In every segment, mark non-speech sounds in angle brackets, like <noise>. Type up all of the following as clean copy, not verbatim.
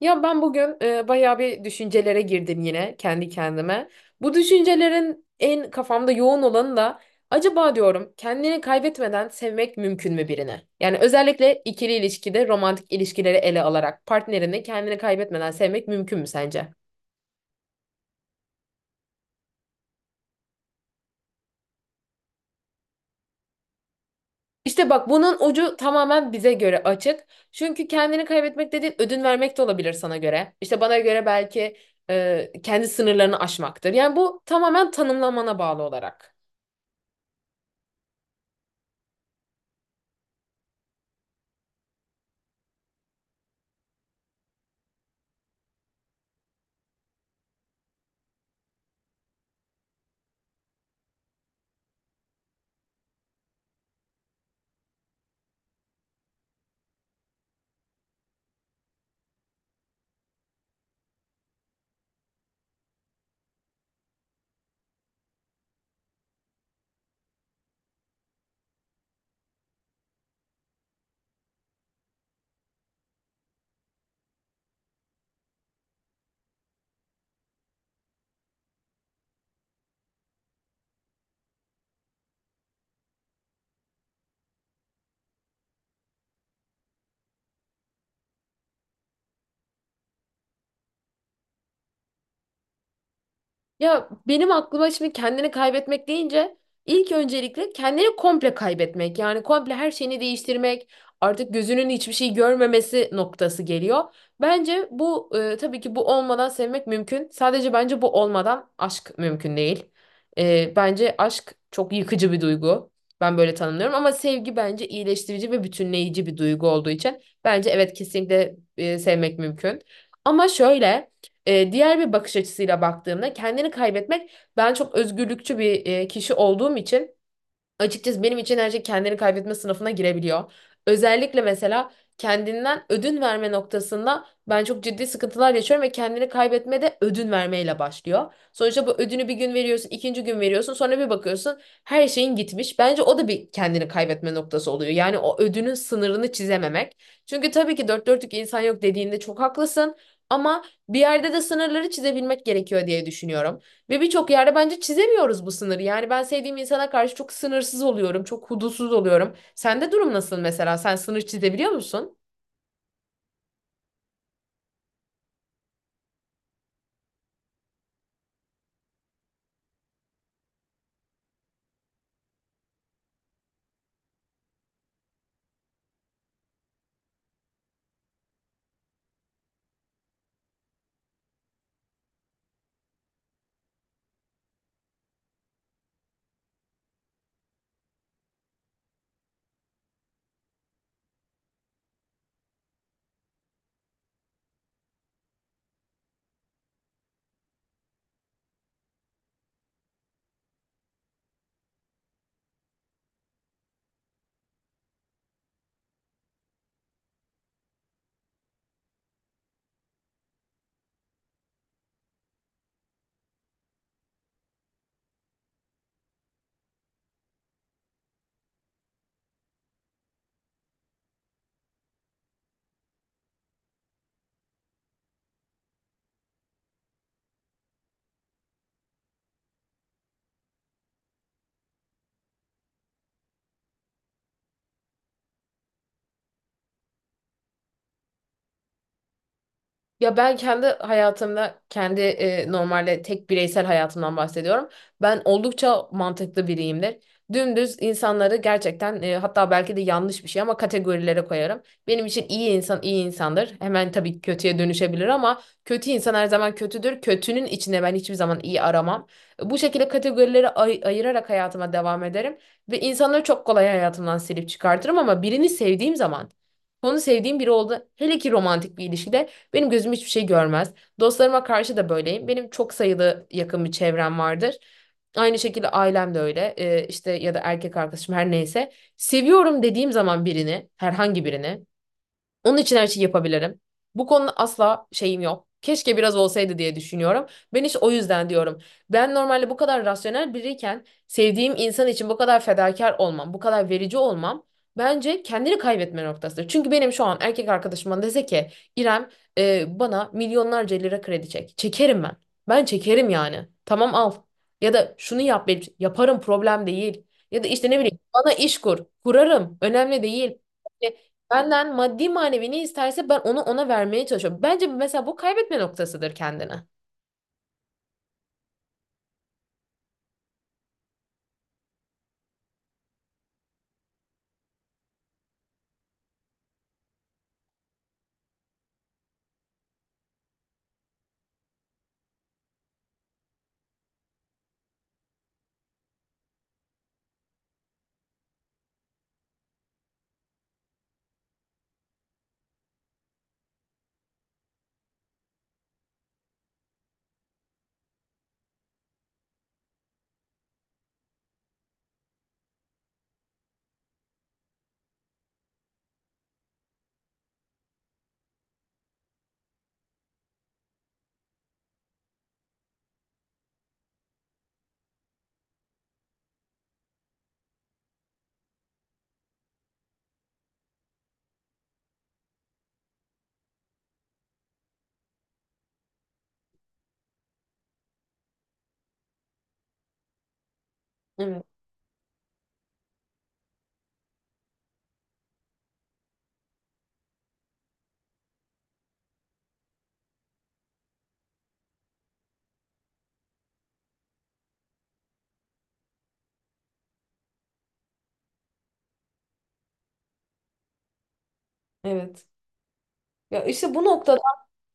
Ya ben bugün bayağı bir düşüncelere girdim yine kendi kendime. Bu düşüncelerin en kafamda yoğun olanı da acaba diyorum kendini kaybetmeden sevmek mümkün mü birini? Yani özellikle ikili ilişkide romantik ilişkileri ele alarak partnerini kendini kaybetmeden sevmek mümkün mü sence? İşte bak bunun ucu tamamen bize göre açık. Çünkü kendini kaybetmek dediğin ödün vermek de olabilir sana göre. İşte bana göre belki kendi sınırlarını aşmaktır. Yani bu tamamen tanımlamana bağlı olarak. Ya benim aklıma şimdi kendini kaybetmek deyince ilk öncelikle kendini komple kaybetmek, yani komple her şeyini değiştirmek, artık gözünün hiçbir şey görmemesi noktası geliyor. Bence bu, tabii ki bu olmadan sevmek mümkün. Sadece bence bu olmadan aşk mümkün değil. Bence aşk çok yıkıcı bir duygu. Ben böyle tanımlıyorum ama sevgi bence iyileştirici ve bütünleyici bir duygu olduğu için bence evet, kesinlikle sevmek mümkün. Ama şöyle. Diğer bir bakış açısıyla baktığımda kendini kaybetmek, ben çok özgürlükçü bir kişi olduğum için, açıkçası benim için her şey kendini kaybetme sınıfına girebiliyor. Özellikle mesela kendinden ödün verme noktasında ben çok ciddi sıkıntılar yaşıyorum ve kendini kaybetme de ödün vermeyle başlıyor. Sonuçta bu ödünü bir gün veriyorsun, ikinci gün veriyorsun, sonra bir bakıyorsun her şeyin gitmiş. Bence o da bir kendini kaybetme noktası oluyor. Yani o ödünün sınırını çizememek. Çünkü tabii ki dört dörtlük insan yok dediğinde çok haklısın, ama bir yerde de sınırları çizebilmek gerekiyor diye düşünüyorum. Ve birçok yerde bence çizemiyoruz bu sınırı. Yani ben sevdiğim insana karşı çok sınırsız oluyorum, çok hudutsuz oluyorum. Sende durum nasıl mesela? Sen sınır çizebiliyor musun? Ya ben kendi hayatımda, kendi normalde tek bireysel hayatımdan bahsediyorum. Ben oldukça mantıklı biriyimdir. Dümdüz insanları gerçekten, hatta belki de yanlış bir şey ama, kategorilere koyarım. Benim için iyi insan iyi insandır. Hemen tabii kötüye dönüşebilir ama kötü insan her zaman kötüdür. Kötünün içinde ben hiçbir zaman iyi aramam. Bu şekilde kategorilere ayırarak hayatıma devam ederim ve insanları çok kolay hayatımdan silip çıkartırım, ama birini sevdiğim zaman, onu sevdiğim biri oldu. Hele ki romantik bir ilişkide benim gözüm hiçbir şey görmez. Dostlarıma karşı da böyleyim. Benim çok sayılı yakın bir çevrem vardır. Aynı şekilde ailem de öyle. İşte ya da erkek arkadaşım, her neyse. Seviyorum dediğim zaman birini, herhangi birini, onun için her şeyi yapabilirim. Bu konuda asla şeyim yok. Keşke biraz olsaydı diye düşünüyorum. Ben hiç o yüzden diyorum. Ben normalde bu kadar rasyonel biriyken sevdiğim insan için bu kadar fedakar olmam, bu kadar verici olmam bence kendini kaybetme noktasıdır. Çünkü benim şu an erkek arkadaşıma dese ki, İrem, bana milyonlarca lira kredi çek. Çekerim ben. Ben çekerim yani. Tamam, al. Ya da şunu yap benim için. Yaparım, problem değil. Ya da işte ne bileyim, bana iş kur. Kurarım. Önemli değil. Benden maddi manevi ne isterse ben onu ona vermeye çalışıyorum. Bence mesela bu kaybetme noktasıdır kendine. Evet, evet. Ya işte bu nokta,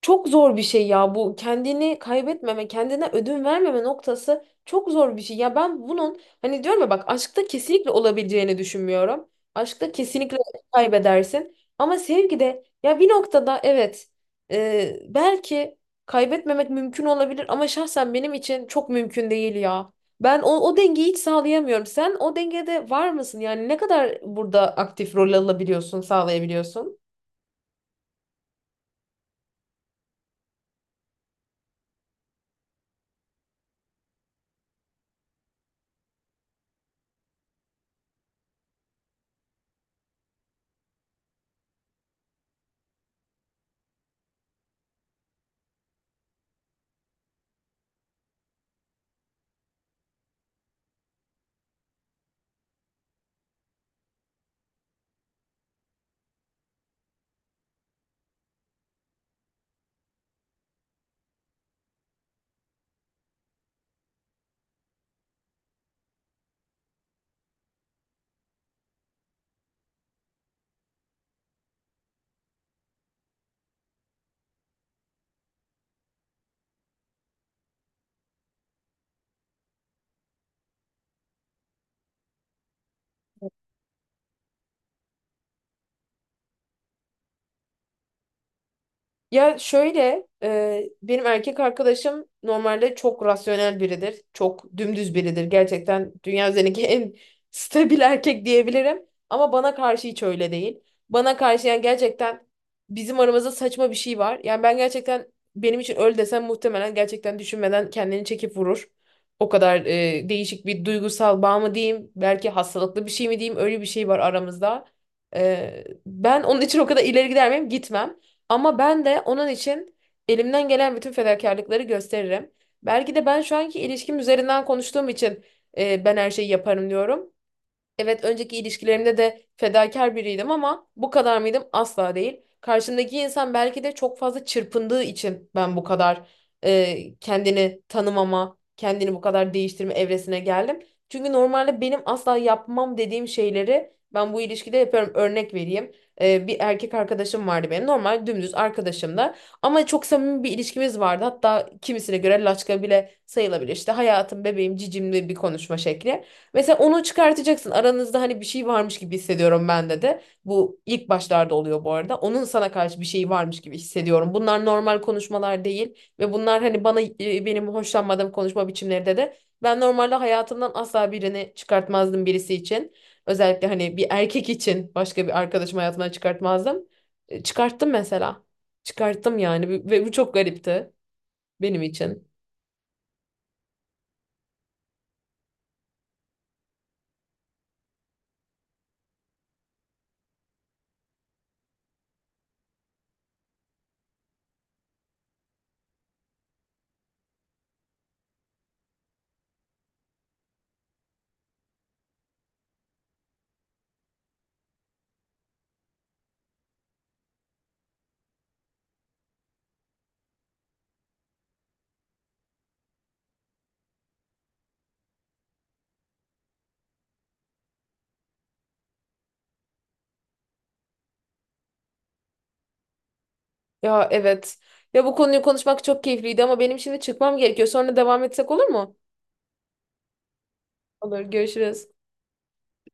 çok zor bir şey ya, bu kendini kaybetmeme, kendine ödün vermeme noktası çok zor bir şey. Ya ben bunun hani diyorum ya bak, aşkta kesinlikle olabileceğini düşünmüyorum. Aşkta kesinlikle kaybedersin. Ama sevgide ya bir noktada evet, belki kaybetmemek mümkün olabilir, ama şahsen benim için çok mümkün değil ya. Ben o dengeyi hiç sağlayamıyorum. Sen o dengede var mısın? Yani ne kadar burada aktif rol alabiliyorsun, sağlayabiliyorsun? Ya şöyle, benim erkek arkadaşım normalde çok rasyonel biridir. Çok dümdüz biridir. Gerçekten dünya üzerindeki <laughs> en stabil erkek diyebilirim. Ama bana karşı hiç öyle değil. Bana karşı, yani gerçekten bizim aramızda saçma bir şey var. Yani ben gerçekten, benim için öl desem muhtemelen gerçekten düşünmeden kendini çekip vurur. O kadar değişik bir duygusal bağ mı diyeyim, belki hastalıklı bir şey mi diyeyim, öyle bir şey var aramızda. Ben onun için o kadar ileri gider miyim? Gitmem. Ama ben de onun için elimden gelen bütün fedakarlıkları gösteririm. Belki de ben şu anki ilişkim üzerinden konuştuğum için ben her şeyi yaparım diyorum. Evet, önceki ilişkilerimde de fedakar biriydim ama bu kadar mıydım? Asla değil. Karşımdaki insan belki de çok fazla çırpındığı için ben bu kadar kendini tanımama, kendini bu kadar değiştirme evresine geldim. Çünkü normalde benim asla yapmam dediğim şeyleri ben bu ilişkide yapıyorum. Örnek vereyim. Bir erkek arkadaşım vardı benim. Normal dümdüz arkadaşım da. Ama çok samimi bir ilişkimiz vardı. Hatta kimisine göre laçka bile sayılabilir. İşte hayatım, bebeğim, cicimli bir konuşma şekli. Mesela onu çıkartacaksın. Aranızda hani bir şey varmış gibi hissediyorum bende de. Bu ilk başlarda oluyor bu arada. Onun sana karşı bir şey varmış gibi hissediyorum. Bunlar normal konuşmalar değil ve bunlar hani bana, benim hoşlanmadığım konuşma biçimlerinde de ben normalde hayatımdan asla birini çıkartmazdım birisi için. Özellikle hani bir erkek için başka bir arkadaşım hayatımdan çıkartmazdım. Çıkarttım mesela. Çıkarttım yani, ve bu çok garipti. Benim için. Ya evet. Ya bu konuyu konuşmak çok keyifliydi ama benim şimdi çıkmam gerekiyor. Sonra devam etsek olur mu? Olur, görüşürüz.